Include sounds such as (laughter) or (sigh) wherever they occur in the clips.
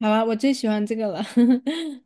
好啊，我最喜欢这个了。(laughs)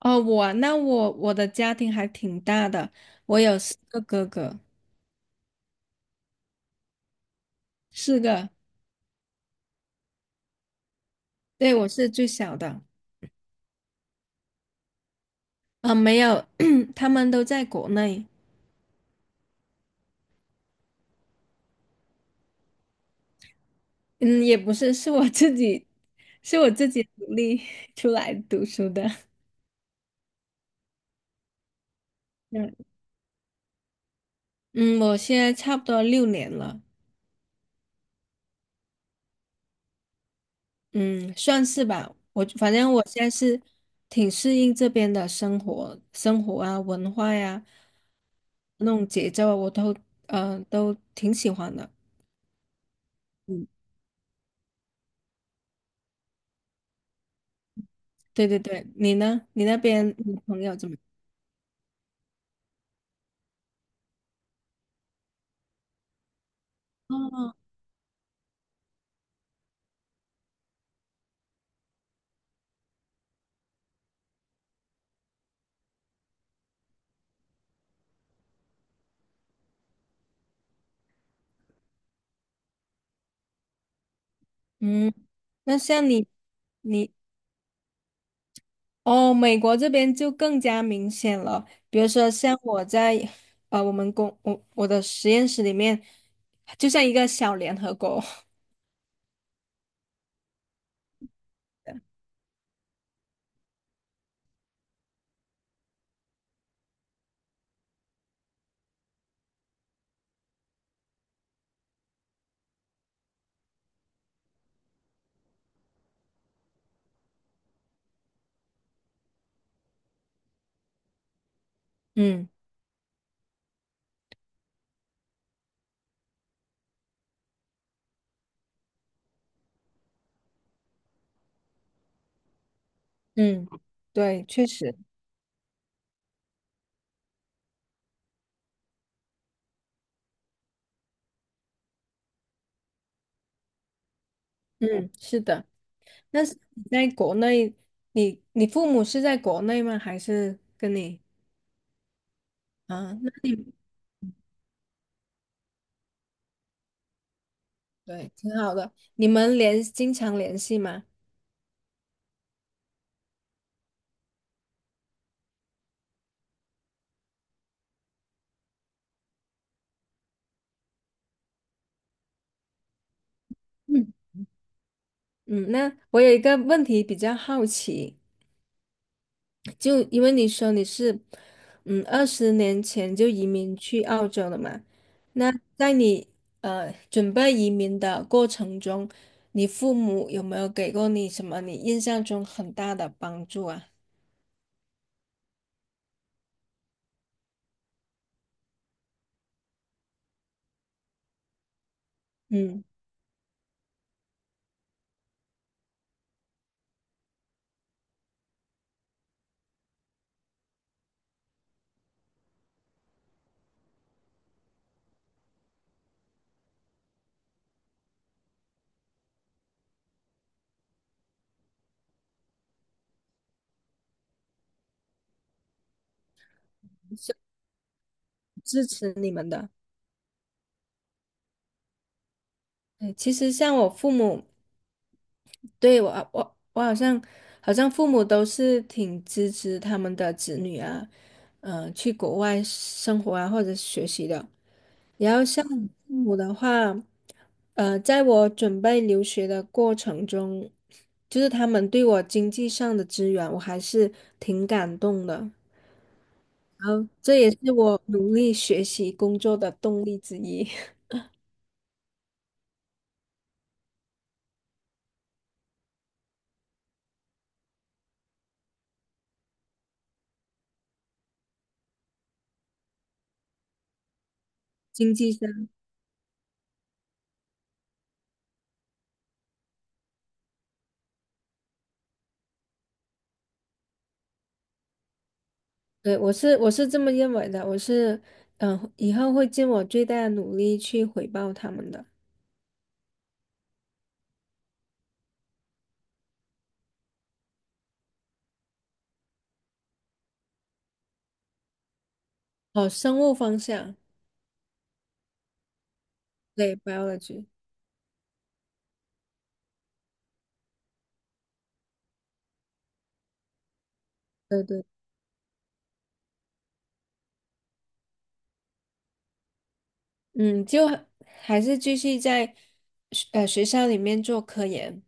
哦，我那我我的家庭还挺大的，我有四个哥哥，四个，对，我是最小的。啊，没有，(clears throat) 他们都在国内。嗯，也不是，是我自己，是我自己努力 (laughs) 出来读书的。(laughs) 嗯嗯，我现在差不多六年了。嗯，算是吧。我反正我现在是挺适应这边的生活啊、文化呀、那种节奏啊，我都都挺喜欢的。嗯，对对对，你呢？你那边你朋友怎么？哦，嗯，那像你，你哦，美国这边就更加明显了。比如说，像我在我们公我我的实验室里面，就像一个小联合国。(laughs) 嗯嗯，对，确实。嗯，是的。那是你在国内，你父母是在国内吗？还是跟你啊？那对，挺好的。你们经常联系吗？嗯嗯，那我有一个问题比较好奇，就因为你说你是20年前就移民去澳洲了嘛，那在你准备移民的过程中，你父母有没有给过你什么你印象中很大的帮助啊？嗯，支持你们的。对，其实像我父母，对，我啊我我好像好像父母都是挺支持他们的子女啊，嗯，去国外生活啊或者学习的。然后像我父母的话，在我准备留学的过程中，就是他们对我经济上的支援，我还是挺感动的。然后这也是我努力学习工作的动力之一，(laughs) 经济上。对，我是这么认为的，我是以后会尽我最大的努力去回报他们的。哦，生物方向，对，biology,对对，嗯，就还是继续在学校里面做科研，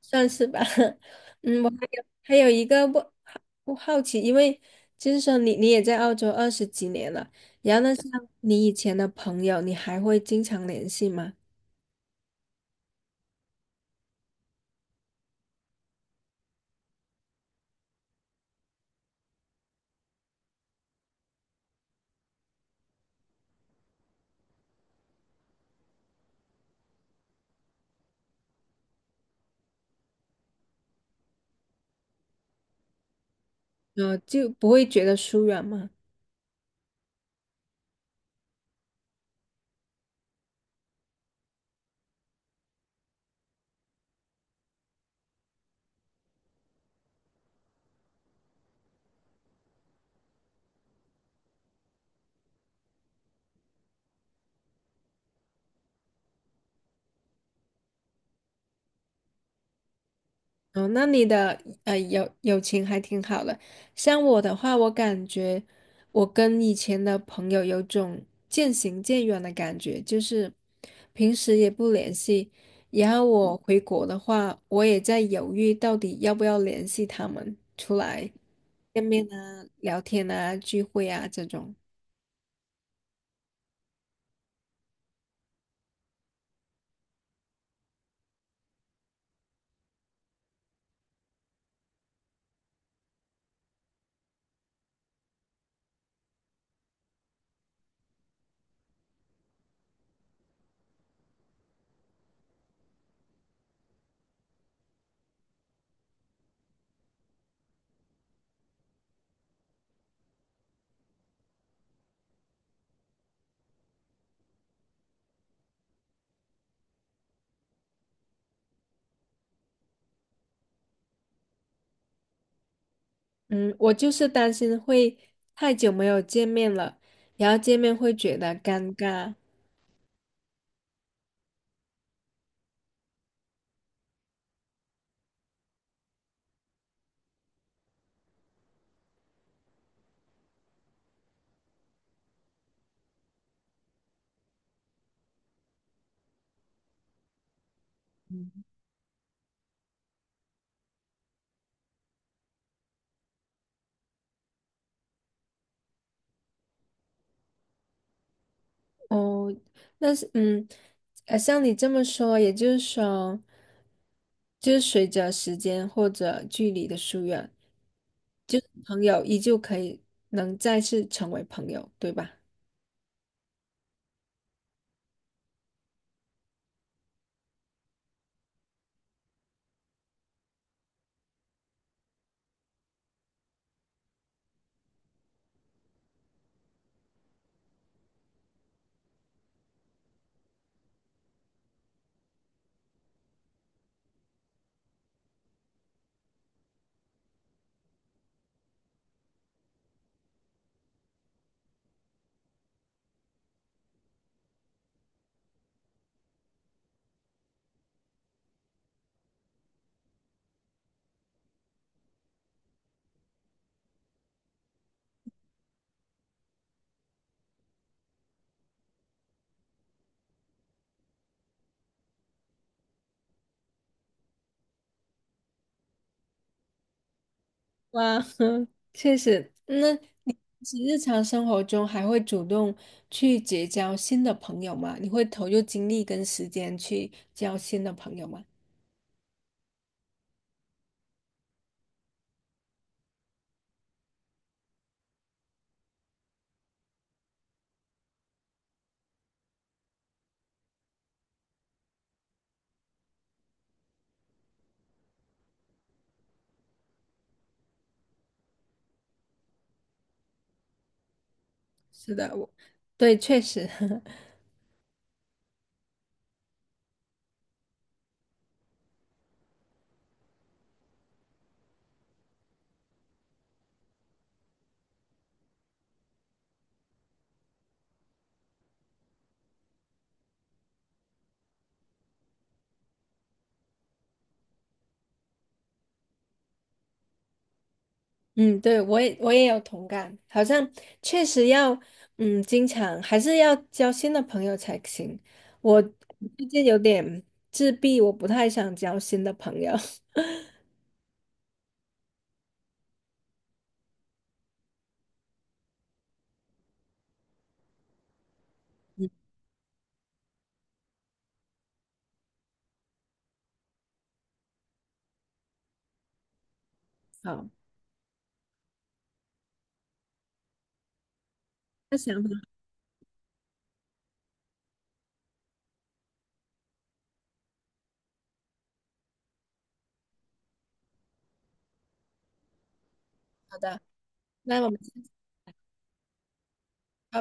算是吧。(laughs) 嗯，我还有一个不好奇，因为就是说你你也在澳洲20几年了，然后呢，像你以前的朋友，你还会经常联系吗？呃，就不会觉得疏远吗？哦，那你的友情还挺好的。像我的话，我感觉我跟以前的朋友有种渐行渐远的感觉，就是平时也不联系，然后我回国的话，我也在犹豫到底要不要联系他们出来见面啊、聊天啊、聚会啊这种。嗯，我就是担心会太久没有见面了，然后见面会觉得尴尬。哦，那是嗯，像你这么说，也就是说，就是随着时间或者距离的疏远，就是朋友依旧可以能再次成为朋友，对吧？哇，(laughs) 确实。那其实日常生活中还会主动去结交新的朋友吗？你会投入精力跟时间去交新的朋友吗？是的，对，确实。(laughs) 嗯，对，我也有同感，好像确实要，嗯，经常还是要交新的朋友才行。我最近有点自闭，我不太想交新的朋友。(laughs) 好，那想法好的，那我们先到